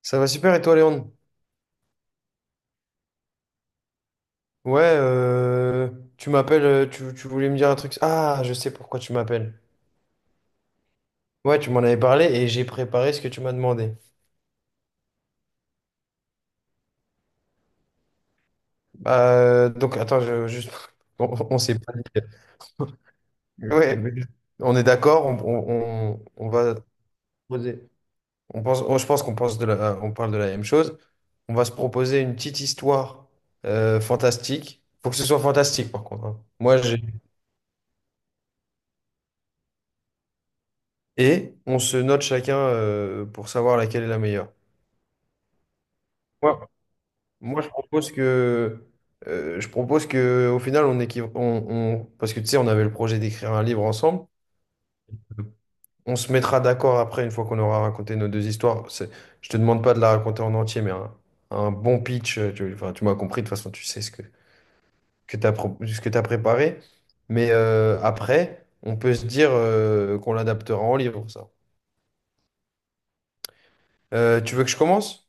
Ça va super et toi, Léon? Ouais, euh, tu m'appelles, tu voulais me dire un truc. Ah, je sais pourquoi tu m'appelles. Ouais, tu m'en avais parlé et j'ai préparé ce que tu m'as demandé. Donc, attends, juste, on s'est pas dit. Ouais, mais on est d'accord, on va, je pense qu'on pense de la, on parle de la même chose. On va se proposer une petite histoire fantastique. Faut que ce soit fantastique, par contre, hein. Moi, j'ai. Et on se note chacun pour savoir laquelle est la meilleure. Ouais. Moi, je propose que, au final, on, parce que tu sais, on avait le projet d'écrire un livre ensemble. On se mettra d'accord après, une fois qu'on aura raconté nos deux histoires. Je te demande pas de la raconter en entier, mais un bon pitch. Tu, enfin, tu m'as compris, de toute façon, tu sais ce que tu as, ce que tu préparé. Mais après, on peut se dire qu'on l'adaptera en livre, ça. Tu veux que je commence?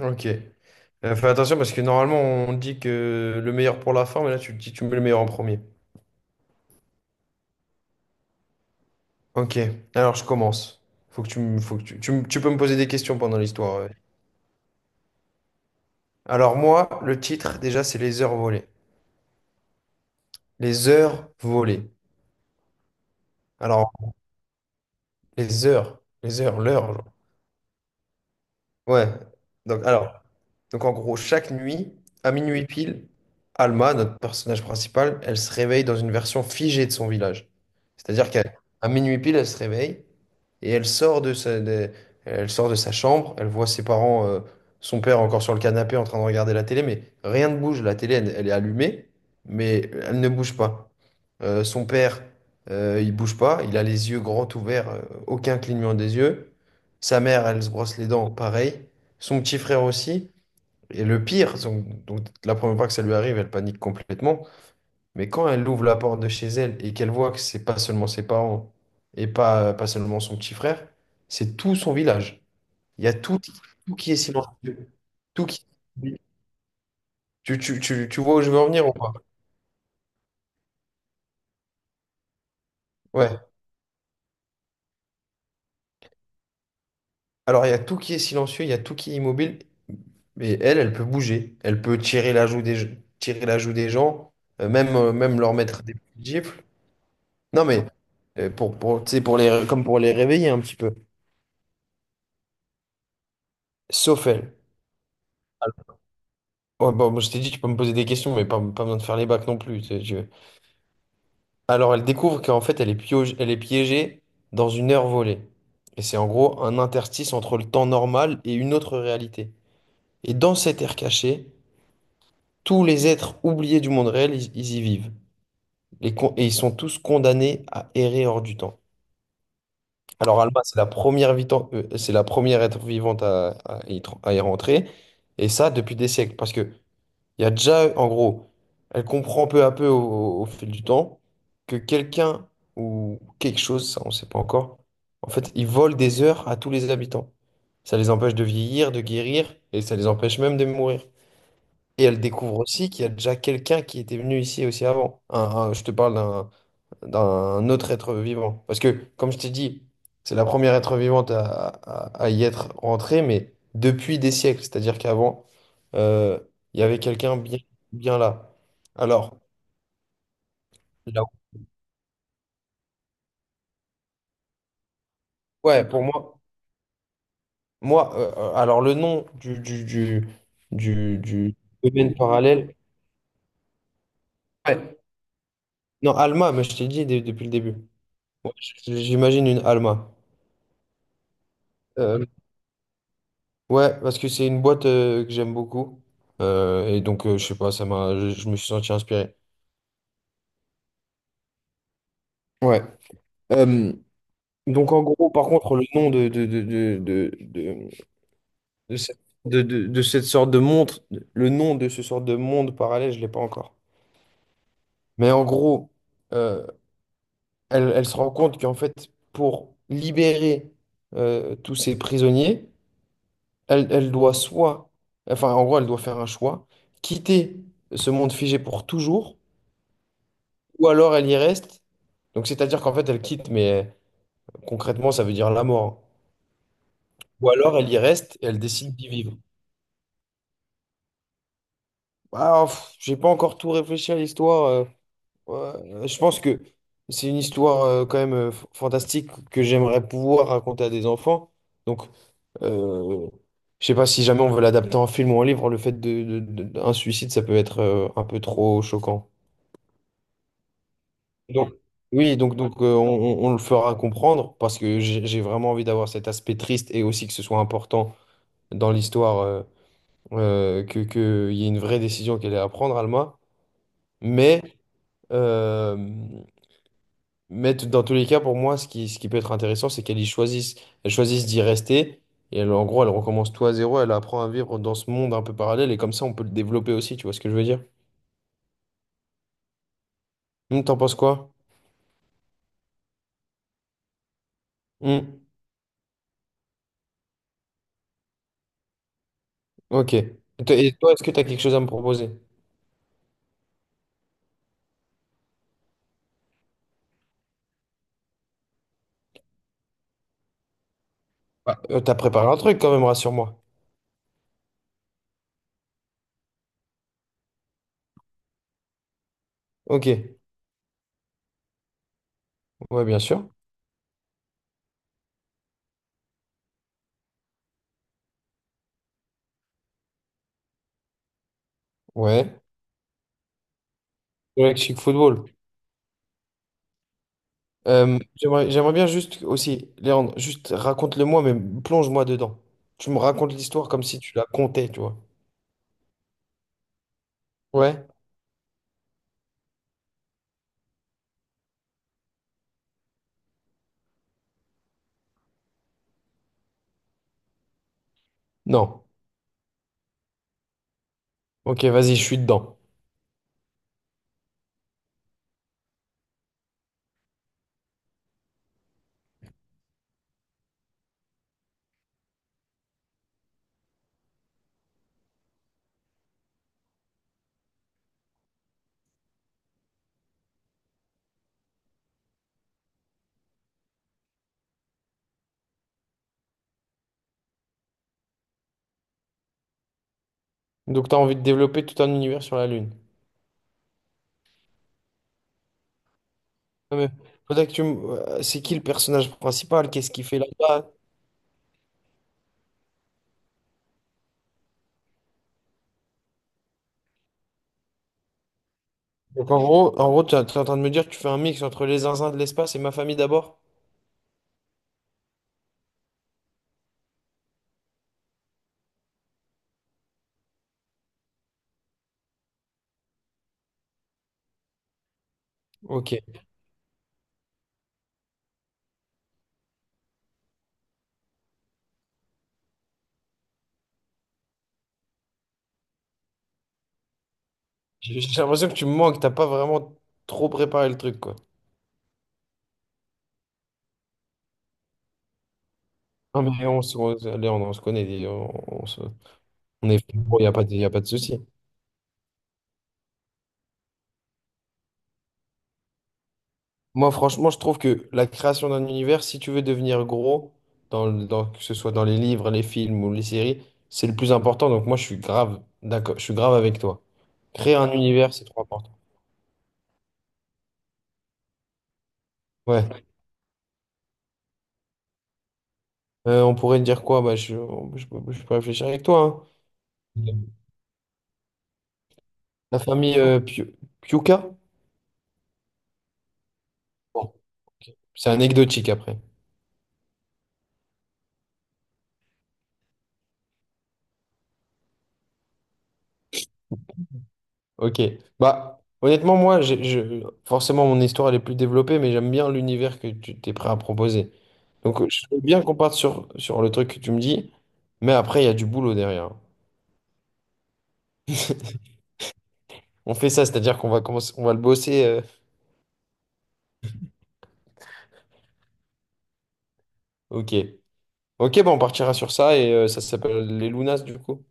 Ok. Fais attention parce que normalement, on dit que le meilleur pour la fin, mais là, tu te dis, tu mets le meilleur en premier. Ok, alors je commence. Faut que tu peux me poser des questions pendant l'histoire, ouais. Alors moi, le titre, déjà, c'est les heures volées. Les heures volées. Alors, les heures, l'heure. Ouais. Donc, alors, donc en gros, chaque nuit, à minuit pile, Alma, notre personnage principal, elle se réveille dans une version figée de son village. C'est-à-dire qu'à À minuit pile, elle se réveille et elle sort de sa chambre, elle voit ses parents, son père encore sur le canapé en train de regarder la télé, mais rien ne bouge. La télé, elle, elle est allumée, mais elle ne bouge pas. Son père, il bouge pas, il a les yeux grands ouverts, aucun clignement des yeux. Sa mère, elle se brosse les dents, pareil. Son petit frère aussi. Et le pire, son- donc, la première fois que ça lui arrive, elle panique complètement. Mais quand elle ouvre la porte de chez elle et qu'elle voit que c'est pas seulement ses parents et pas seulement son petit frère, c'est tout son village. Il y a tout, tout qui est silencieux. Tout qui... tu vois où je veux en venir ou pas? Ouais. Alors, il y a tout qui est silencieux, il y a tout qui est immobile. Mais elle, elle peut bouger. Elle peut tirer la joue des gens, même leur mettre des petites gifles. Non, mais pour, tu sais, pour les, comme pour les réveiller un petit peu. Sauf elle. Oh, bon, moi, je t'ai dit, tu peux me poser des questions, mais pas, pas besoin de faire les bacs non plus, tu sais, je- Alors, elle découvre qu'en fait, elle est piégée dans une heure volée. Et c'est en gros un interstice entre le temps normal et une autre réalité. Et dans cette ère cachée, tous les êtres oubliés du monde réel, ils y vivent. Et ils sont tous condamnés à errer hors du temps. Alors Alma, c'est la première être vivante à, à y rentrer, et ça depuis des siècles, parce que il y a déjà, en gros, elle comprend peu à peu au fil du temps que quelqu'un ou quelque chose, ça on ne sait pas encore, en fait, ils volent des heures à tous les habitants. Ça les empêche de vieillir, de guérir, et ça les empêche même de mourir. Et elle découvre aussi qu'il y a déjà quelqu'un qui était venu ici aussi avant. Je te parle d'un autre être vivant. Parce que, comme je t'ai dit, c'est la première être vivante à, à y être rentrée, mais depuis des siècles. C'est-à-dire qu'avant, euh, il y avait quelqu'un bien, bien là. Alors, là, ouais, pour moi, alors le nom du domaine parallèle, ouais, non, Alma, mais je t'ai dit depuis le début. Ouais, j'imagine une Alma. Euh, Ouais, parce que c'est une boîte que j'aime beaucoup. Je sais pas, je me suis senti inspiré. Ouais. Euh, donc, en gros, par contre, le nom de de cette, de cette sorte de montre, le nom de ce sorte de monde parallèle, je l'ai pas encore. Mais en gros, euh, elle, elle se rend compte qu'en fait, pour libérer tous ces prisonniers, elle, elle doit soit, enfin, en gros, elle doit faire un choix, quitter ce monde figé pour toujours. Ou alors elle y reste. Donc c'est-à-dire qu'en fait elle quitte, mais concrètement ça veut dire la mort, hein. Ou alors elle y reste et elle décide d'y vivre. Ah, pff, j'ai pas encore tout réfléchi à l'histoire. Ouais, je pense que c'est une histoire quand même fantastique que j'aimerais pouvoir raconter à des enfants. Donc euh, je sais pas si jamais on veut l'adapter en film ou en livre, le fait d'un suicide ça peut être un peu trop choquant. Donc, oui, donc on, on le fera comprendre parce que j'ai vraiment envie d'avoir cet aspect triste et aussi que ce soit important dans l'histoire, que, qu'il y ait une vraie décision qu'elle ait à prendre, Alma. Mais, euh, mais dans tous les cas, pour moi, ce qui peut être intéressant, c'est qu'elle y choisisse, elle choisisse d'y rester. En gros, elle recommence tout à zéro, elle apprend à vivre dans ce monde un peu parallèle et comme ça, on peut le développer aussi, tu vois ce que je veux dire? Hmm, t'en penses quoi? Hmm, ok. Et toi, est-ce que tu as quelque chose à me proposer? Bah, t'as préparé un truc quand même, rassure-moi. Ok, ouais, bien sûr. Ouais. Ouais, Chic Football. J'aimerais bien juste aussi, Léandre, juste raconte-le-moi, mais plonge-moi dedans. Tu me racontes l'histoire comme si tu la comptais, tu vois. Ouais? Non. Ok, vas-y, je suis dedans. Donc, t'as envie de développer tout un univers sur la Lune. Non, mais faudrait que c'est qui le personnage principal? Qu'est-ce qu'il fait là-bas? Donc, en gros, t'es en train de me dire que tu fais un mix entre les zinzins de l'espace et ma famille d'abord? Ok. J'ai l'impression que tu me manques, t'as pas vraiment trop préparé le truc, quoi. Non, mais on, allez, on se connaît, dis, on se- on est il n'y a pas de, y a pas de souci. Moi, franchement, je trouve que la création d'un univers, si tu veux devenir gros, dans que ce soit dans les livres, les films ou les séries, c'est le plus important. Donc, moi, je suis grave, d'accord, je suis grave avec toi. Créer un univers, c'est trop important. Ouais. On pourrait dire quoi? Bah, je peux réfléchir avec toi, hein. La famille Piuca? Bon, ok. C'est anecdotique après. Ok. Bah, honnêtement, moi, forcément, mon histoire, elle est plus développée, mais j'aime bien l'univers que tu t'es prêt à proposer. Donc, je veux bien qu'on parte sur, sur le truc que tu me dis, mais après, il y a du boulot derrière, hein. On fait ça, c'est-à-dire qu'on va commencer, on va le bosser. Ok. Ok, bah, on partira sur ça et ça s'appelle les Lunas, du coup.